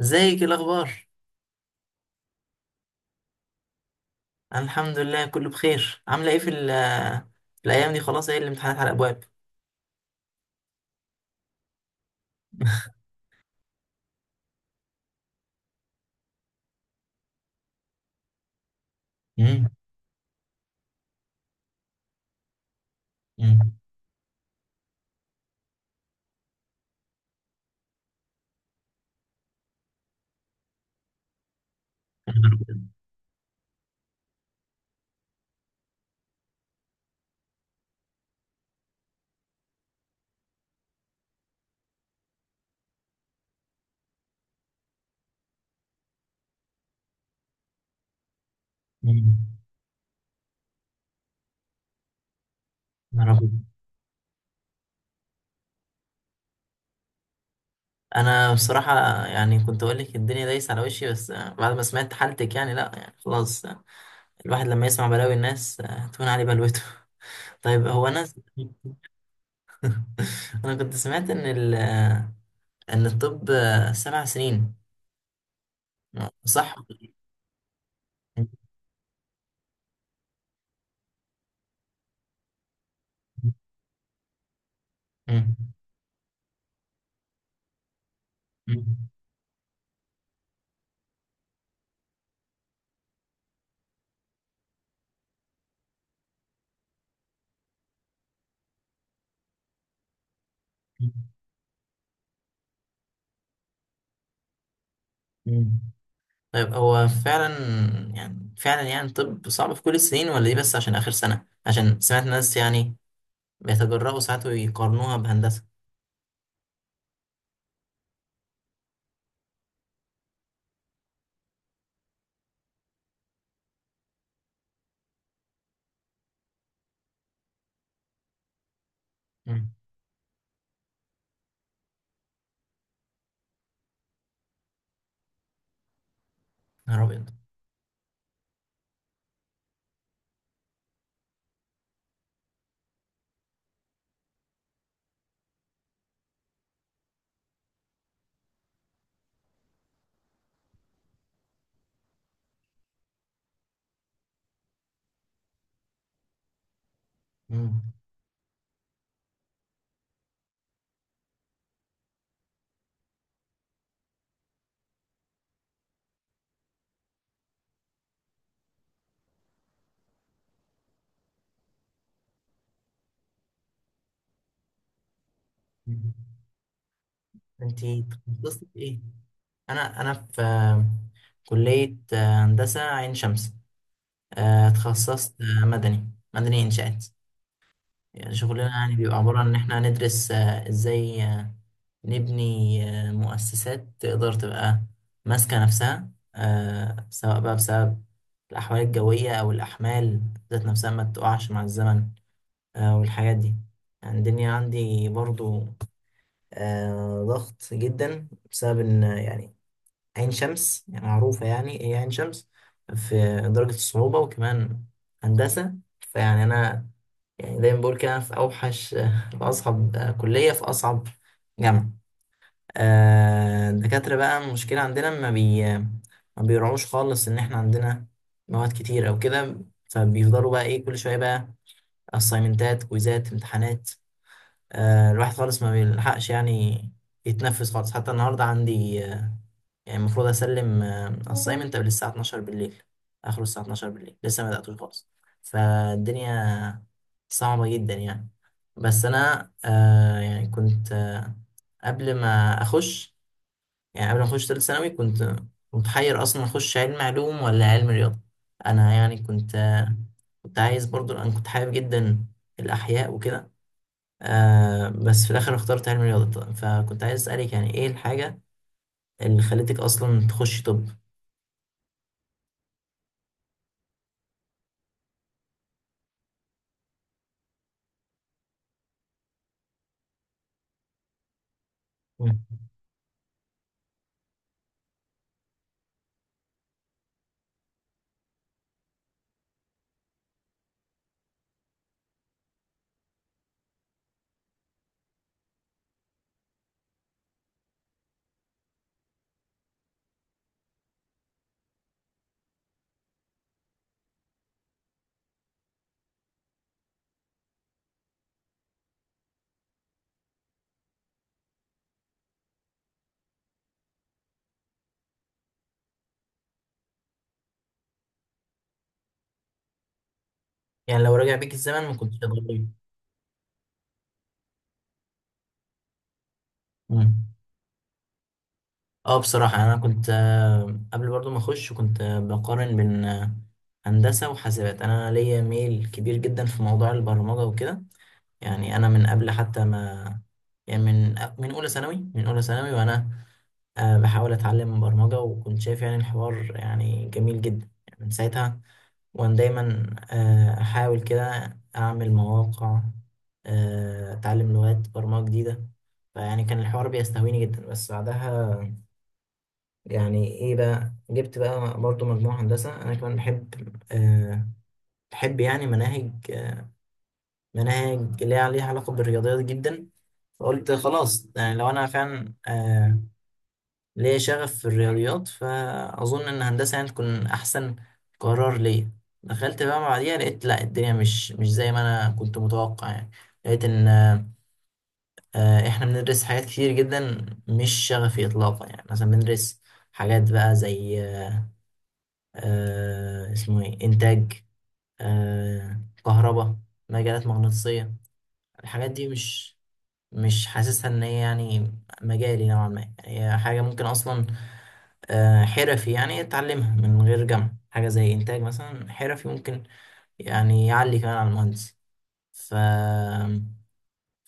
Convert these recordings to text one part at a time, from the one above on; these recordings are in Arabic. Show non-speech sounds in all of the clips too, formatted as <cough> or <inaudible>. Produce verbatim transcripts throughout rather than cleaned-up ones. ازيك، ايه الاخبار؟ انا الحمد لله، كله بخير. عامله ايه في ال- في الايام دي؟ خلاص، ايه الامتحانات على الابواب؟ امم. امم. يا رب. انا بصراحه يعني كنت اقول لك الدنيا دايسه على وشي، بس آه، بعد ما سمعت حالتك يعني لا، يعني خلاص. آه، الواحد لما يسمع بلاوي الناس آه، تهون عليه بلوته. <laughs> طيب، هو انا. <laughs> انا كنت سمعت ان ال... آه، ان الطب آه، سبع سنين، صح؟ مم. مم. مم. مم. طيب، هو فعلا، يعني فعلا يعني طب صعب في كل السنين ولا ايه؟ بس عشان آخر سنة، عشان سمعت ناس يعني بيتجرأوا ساعات ويقارنوها بهندسة. مم. يا نهار أبيض. مم. مم. انتي تخصصت في ايه؟ أنا أنا في آه، كلية آه، هندسة عين شمس. آه، اتخصصت آه، مدني مدني إنشاءات. يعني شغلنا يعني بيبقى عبارة عن إن إحنا هندرس آه، إزاي آه، نبني آه، مؤسسات تقدر تبقى ماسكة نفسها، آه، سواء بقى بسبب الأحوال الجوية أو الأحمال ذات نفسها ما تقعش مع الزمن، آه، والحاجات دي. يعني الدنيا عندي برضو آه، ضغط جدا، بسبب إن آه، يعني عين شمس يعني معروفة، يعني هي عين شمس في درجة الصعوبة، وكمان هندسة. فيعني أنا يعني دايما بقول كده، أنا في أوحش <laughs> في أصعب كلية، في أصعب جامعة. آه، الدكاترة بقى، المشكلة عندنا ما بي ما بيراعوش خالص إن إحنا عندنا مواد كتير أو كده. فبيفضلوا بقى إيه كل شوية بقى، أسايمنتات، كويزات، امتحانات. آه، الواحد خالص ما بيلحقش يعني يتنفس خالص. حتى النهاردة عندي آه، يعني المفروض اسلم اسايمنت قبل الساعه اتناشر بالليل، اخره الساعه اتناشر بالليل، لسه ما بداتوش خالص. فالدنيا صعبه جدا يعني. بس انا آه يعني كنت آه قبل ما اخش يعني قبل ما اخش ثالث ثانوي، كنت متحير اصلا اخش علم علوم ولا علم رياضه. انا يعني كنت آه كنت عايز برضو، انا كنت حابب جدا الاحياء وكده. آه بس في الاخر اخترت علم رياضه، فكنت عايز اسالك يعني ايه الحاجه اللي خلتك اصلا تخشي طب. يعني لو رجع بيك الزمن ما كنتش هتغير؟ مم. اه بصراحة، انا كنت آه، قبل برضو ما اخش كنت آه، بقارن بين آه، هندسة وحاسبات. انا ليا ميل كبير جدا في موضوع البرمجة وكده. يعني انا من قبل حتى ما يعني من من اولى ثانوي من اولى ثانوي وانا آه، بحاول اتعلم برمجة، وكنت شايف يعني الحوار يعني جميل جدا، يعني من ساعتها. وأنا دايما آه، أحاول كده أعمل مواقع، آه، أتعلم لغات برمجة جديدة. فيعني كان الحوار بيستهويني جدا. بس بعدها يعني إيه بقى، جبت بقى برضو مجموعة هندسة. أنا كمان بحب آه، بحب يعني مناهج آه، مناهج ليها ليها علاقة بالرياضيات جدا. فقلت خلاص، يعني لو أنا فعلا آه، ليا شغف في الرياضيات، فأظن إن هندسة يعني تكون أحسن قرار ليا. دخلت بقى بعديها، لقيت لأ، الدنيا مش مش زي ما أنا كنت متوقع يعني. لقيت إن آه، إحنا بندرس حاجات كتير جدا مش شغفي إطلاقا. يعني مثلا بندرس حاجات بقى زي آه، اسمه إيه، إنتاج، آه، كهرباء، مجالات مغناطيسية. الحاجات دي مش مش حاسسها ان هي يعني مجالي نوعا ما. يعني هي حاجة ممكن اصلا آه، حرفي يعني اتعلمها من غير جامعة. حاجة زي انتاج مثلا، حرفي ممكن يعني يعلي كمان على المهندس. ف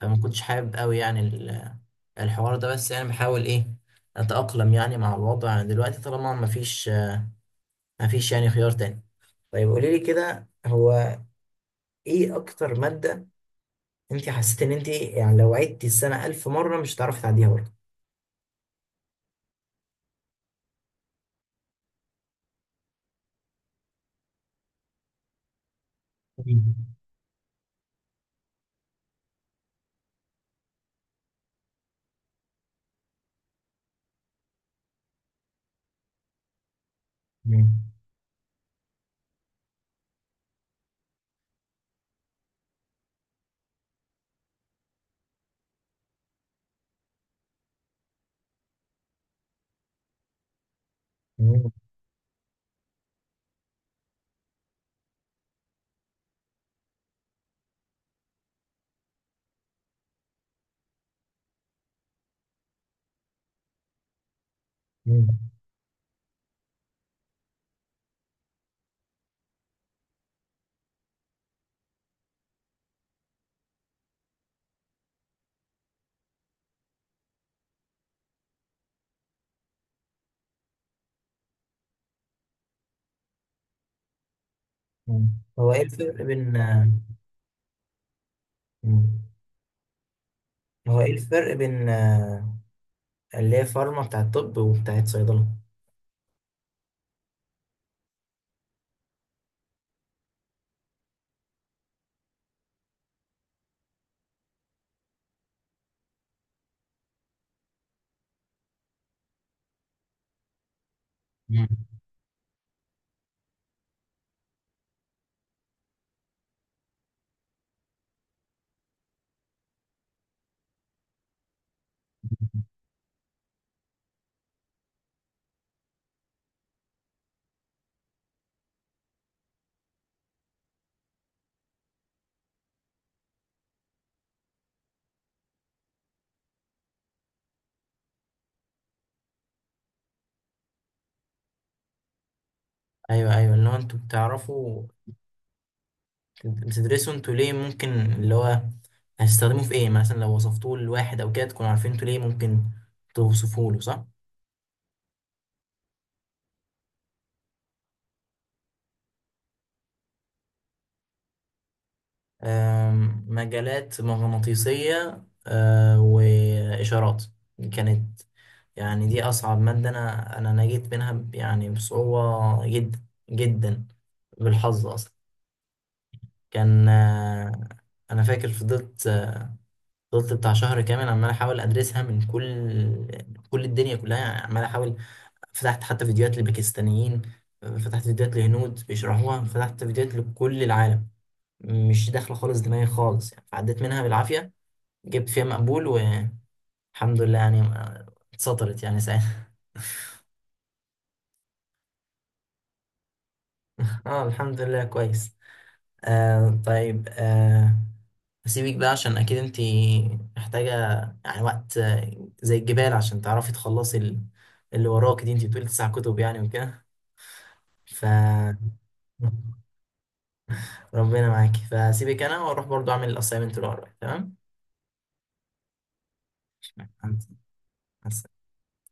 فما كنتش حابب قوي يعني ال- الحوار ده. بس يعني بحاول ايه، اتأقلم يعني مع الوضع دلوقتي طالما مفيش مفيش يعني خيار تاني. طيب قولي لي كده، هو ايه اكتر مادة انت حسيت ان انت يعني لو عدتي السنة الف مرة مش هتعرفي تعديها برضه؟ مم. مم. مم. مم. هو ايه الفرق بين آه، مم. هو ايه الفرق بين آه، اللي هي فارما بتاعت طب وبتاعت صيدلة؟ مم. ايوه، ايوه، اللي هو انتوا بتعرفوا بتدرسوا انتوا ليه ممكن، اللي هو هتستخدموه في ايه. يعني مثلا لو وصفتوه لواحد او كده تكونوا عارفين انتوا ليه ممكن توصفوه له، صح؟ آم، مجالات مغناطيسية آه، وإشارات كانت. يعني دي أصعب مادة، أنا أنا نجيت منها ب- يعني بصعوبة جدا جدا، بالحظ أصلا. كان آه، أنا فاكر فضلت آه، فضلت بتاع شهر كامل عمال أحاول أدرسها من كل كل الدنيا كلها، يعني عمال أحاول. فتحت حتى فيديوهات لباكستانيين، فتحت فيديوهات لهنود بيشرحوها، فتحت فيديوهات لكل العالم، مش داخلة خالص دماغي خالص. يعني عديت منها بالعافية، جبت فيها مقبول والحمد لله. يعني آه، اتسطرت يعني ساعتها. <laughs> اه الحمد لله كويس. آه طيب. آه هسيبك بقى عشان اكيد انتي محتاجة يعني وقت آه، زي الجبال عشان تعرفي تخلصي ال- اللي وراكي دي. انتي بتقولي تسع كتب يعني وكده. ف ربنا معاكي، فسيبك انا واروح برضو اعمل الاسايمنت اللي ورايا. تمام، مع